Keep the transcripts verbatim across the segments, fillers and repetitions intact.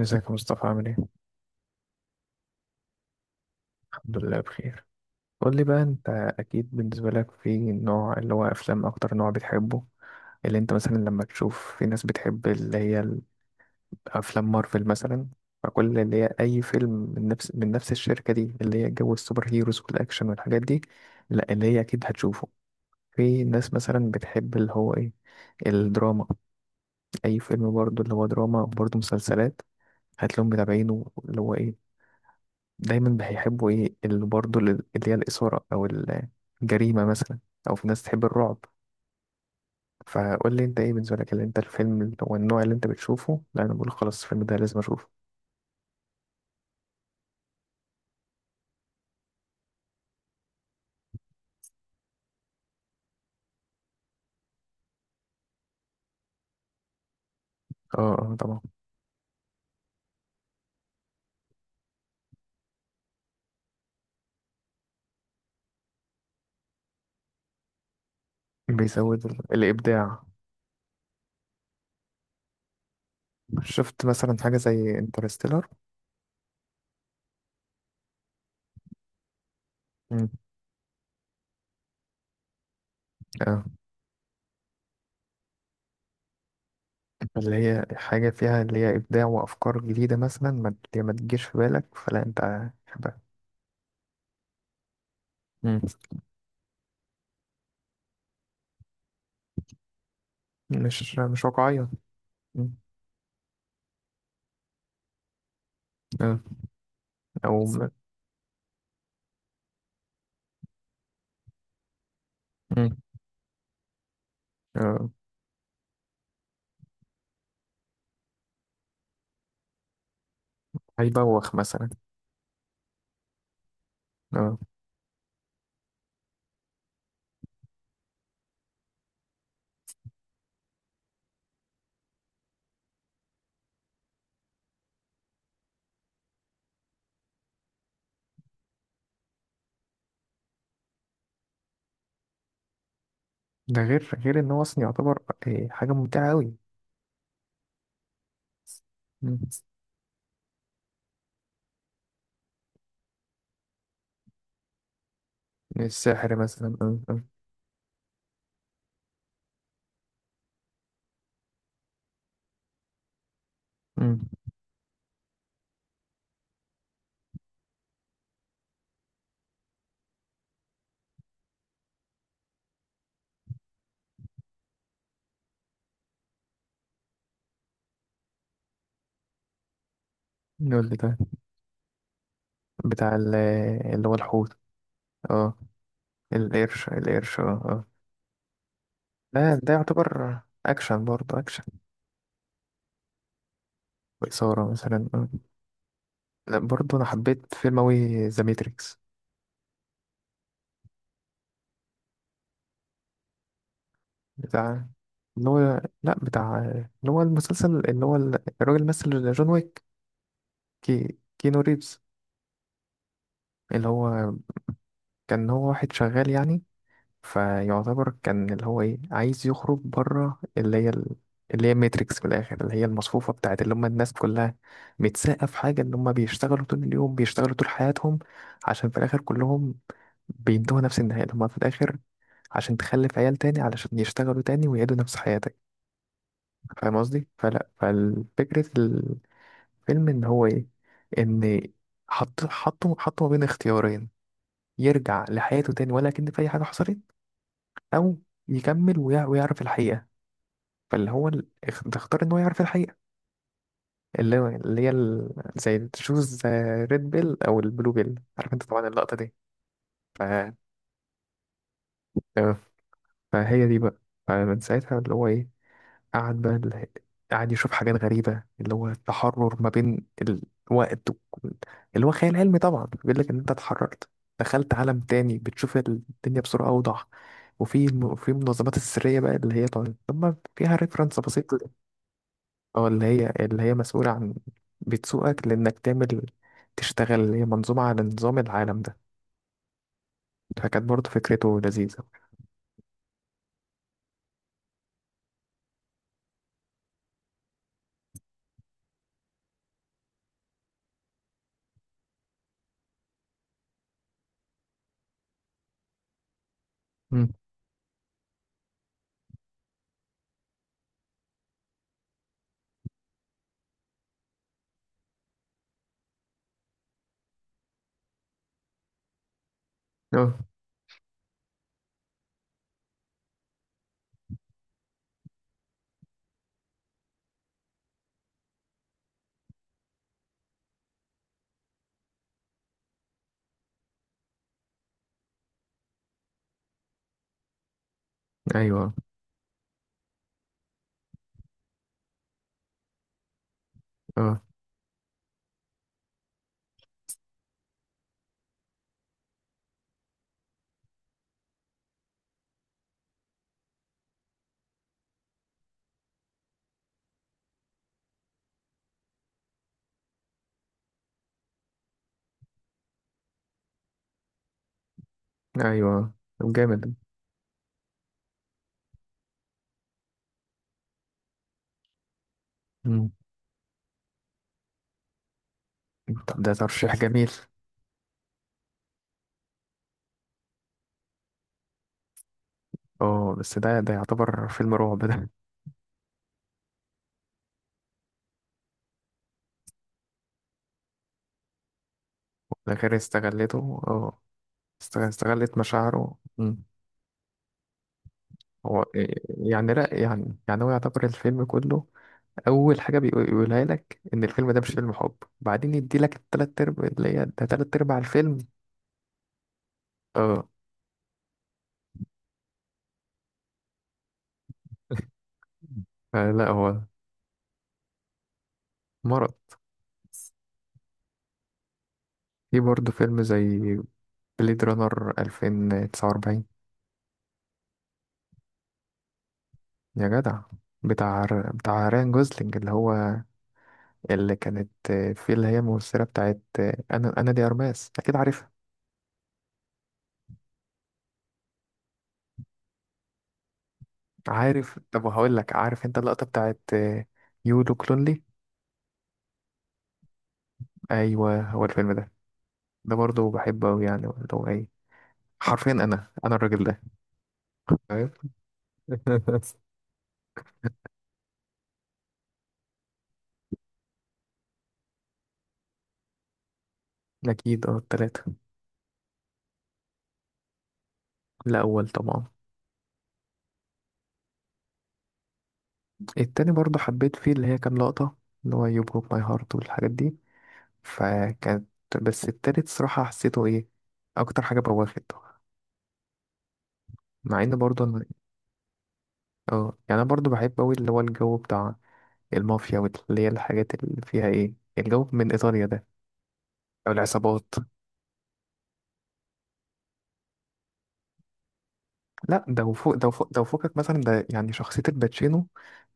ازيك يا مصطفى عامل ايه؟ الحمد لله بخير. قول لي بقى، انت اكيد بالنسبة لك في نوع اللي هو افلام اكتر نوع بتحبه. اللي انت مثلا لما تشوف، في ناس بتحب اللي هي افلام مارفل مثلا، فكل اللي هي اي فيلم من نفس من نفس الشركة دي اللي هي جو السوبر هيروز والاكشن والحاجات دي. لا، اللي هي اكيد هتشوفه. في ناس مثلا بتحب اللي هو ايه، الدراما، اي فيلم برضو اللي هو دراما، برضو مسلسلات، هتلاقيهم متابعينه اللي هو ايه، دايما هيحبوا ايه اللي برضه اللي اللي هي الإثارة أو الجريمة مثلا، أو في ناس تحب الرعب. فقول لي انت ايه بالنسبة لك اللي انت الفيلم اللي هو النوع اللي انت بتشوفه، لا انا بقول خلاص الفيلم ده لازم اشوفه. اه، اه، طبعا. بيزود ال- الإبداع. شفت مثلا حاجة زي انترستيلر. مم. اه، اللي هي حاجة فيها اللي هي إبداع وأفكار جديدة، مثلا ما اللي ما تجيش في بالك، فلا انت حبها. مم. مش مش واقعية. مم. اه، أو بالظبط. م- مم. اه. هيبوخ مثلا. اه، ده غير غير ان هو اصلا يعتبر إيه، حاجه ممتعه قوي. السحر مثلا. أم، أم، أم. نقول لي ده، بتاع ال- اللي هو الحوت. اه، القرش القرش، اه، اه. ده ده يعتبر اكشن، برضه اكشن. واثاره مثلا آه. لا، برضه انا حبيت فيلم اوي ذا ماتريكس. بتاع اللي هو، لا، بتاع اللي هو المسلسل اللي هو ال- الراجل مثل جون ويك، كي كينو ريفز. اللي هو كان هو واحد شغال يعني، فيعتبر كان اللي هو ايه عايز يخرج بره اللي هي ال- اللي هي ماتريكس في الاخر، اللي هي المصفوفه بتاعت اللي هم الناس كلها، متساقه في حاجه ان هم بيشتغلوا طول اليوم، بيشتغلوا طول حياتهم عشان في الاخر كلهم بينتهوا نفس النهايه، اللي هم في الاخر عشان تخلف عيال تاني علشان يشتغلوا تاني ويعيدوا نفس حياتك. فاهم قصدي؟ فلا، فالفكرة الفيلم ان هو ايه، ان حط حطه حطه ما بين اختيارين، يرجع لحياته تاني ولا كأن في اي حاجة حصلت، او يكمل ويع- ويعرف الحقيقه، فاللي هو ال- اخ- تختار ان هو يعرف الحقيقه. اللي هو اللي هي ال... زي تشوز ريد بيل او البلو بيل، عارف انت طبعا اللقطه دي. ف... آه، فهي دي بقى. فمن ساعتها اللي هو ايه، قعد بقى ال- قعد يشوف حاجات غريبه اللي هو التحرر ما بين الوقت وال- اللي هو خيال علمي طبعا، بيقول لك ان انت اتحررت، دخلت عالم تاني، بتشوف الدنيا بصوره اوضح. وفي وفي منظمات السريه بقى اللي هي طبعا، طب ما فيها ريفرنس بسيط. اه، اللي هي اللي هي مسؤولة عن بتسوقك لأنك تعمل، تشتغل اللي هي منظومة على نظام العالم ده. فكانت برضه فكرته لذيذة. مم. اه، ايوه، اه، ايوه. طب جامد. مم. طب ده ترشيح جميل. اه، بس ده ده يعتبر فيلم رعب ده. ده غير استغلته. اه. است- استغلت مشاعره. مم. هو إيه- يعني، لا، يعني يعني هو يعتبر الفيلم كله، اول حاجه بيقو- بيقولها لك ان الفيلم ده مش فيلم حب، بعدين يدي لك التلات ارباع اللي هي ده تلات ارباع الفيلم. اه. آه، لا هو مرض. في برضه فيلم زي بليد رانر ألفين وتسعة وأربعين، يا جدع، بتاع بتاع ريان جوزلينج، اللي هو اللي كانت في اللي هي الممثلة بتاعت، أنا أنا دي أرماس، أكيد عارفها. عارف؟ طب هقول لك، عارف أنت اللقطة بتاعت يو لوك لونلي. أيوه، هو الفيلم ده. ده برضه بحبه أوي، يعني اللي هو إيه، حرفيا انا انا الراجل ده. فاهم؟ اكيد، اه، التلاتة. الاول طبعا. التاني برضه حبيت فيه اللي هي كام لقطة اللي هو يو بروك ماي هارت والحاجات دي، فكانت. بس التالت صراحة حسيته ايه اكتر حاجة بواخده، مع ان برضه انا، اه، يعني انا برضه بحب اوي اللي هو الجو بتاع المافيا واللي هي الحاجات اللي فيها ايه الجو من ايطاليا ده، او العصابات. لا، ده وفوق ده وفوق ده وفوقك مثلا ده، يعني شخصية الباتشينو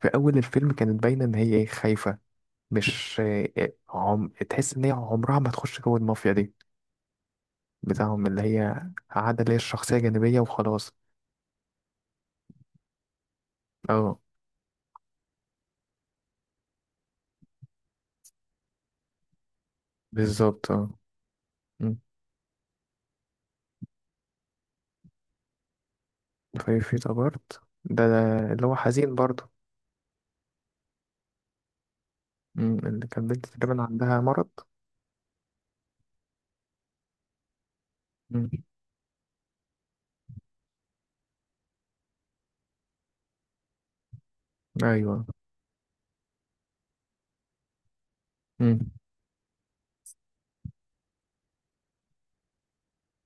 في اول الفيلم كانت باينة ان هي ايه خايفة، مش إيه، عم... تحس ان هي عمرها ما تخش جو المافيا دي بتاعهم اللي هي عادة اللي هي الشخصية جانبية وخلاص. اه، بالظبط. اه. أمم. في في تجارت ده, ده اللي هو حزين برضه. أمم، اللي كان بنت تقريبا عندها مرض. أمم. ايوه. أمم.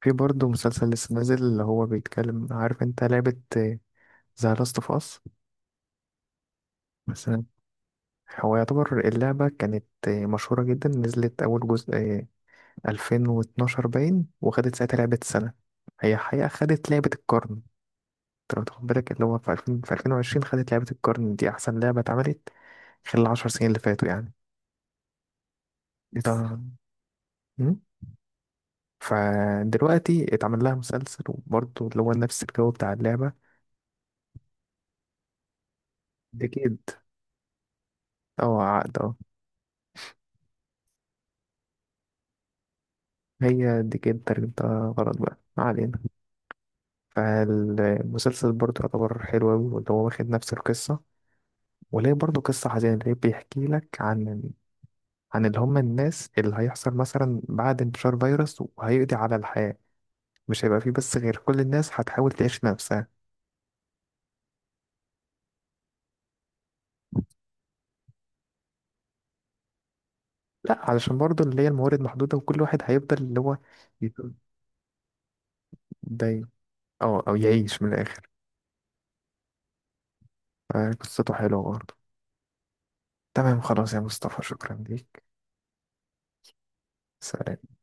في برضه مسلسل لسه نازل اللي هو بيتكلم، عارف انت لعبة ذا لاست اوف اس مثلا؟ هو يعتبر اللعبة كانت آه، مشهورة جدا، نزلت أول جزء ألفين واتناشر باين، وخدت ساعتها لعبة السنة. هي حقيقة خدت لعبة القرن. انت لو تاخد بالك اللي هو في ألفين، في ألفين وعشرين خدت لعبة القرن دي، أحسن لعبة اتعملت خلال العشر سنين اللي فاتوا يعني. ده. مم. فدلوقتي اتعمل لها مسلسل وبرضه اللي هو نفس الجو بتاع اللعبة. ديكيد، اه، عقد، اه. هي ديكيد ترجمتها غلط بقى، ما علينا. فالمسلسل برضه يعتبر حلو أوي، واللي هو واخد نفس القصة، وليه برضه قصة حزينة، ليه؟ بيحكي لك عن، عن اللي هم الناس اللي هيحصل مثلا بعد انتشار فيروس وهيقضي على الحياة، مش هيبقى فيه بس غير كل الناس هتحاول تعيش نفسها. لا، علشان برضه اللي هي الموارد محدودة وكل واحد هيفضل اللي هو يت- داي، أو أو يعيش من الآخر. آه، قصته حلوة برضه. تمام خلاص يا مصطفى، شكرا ليك. سلام.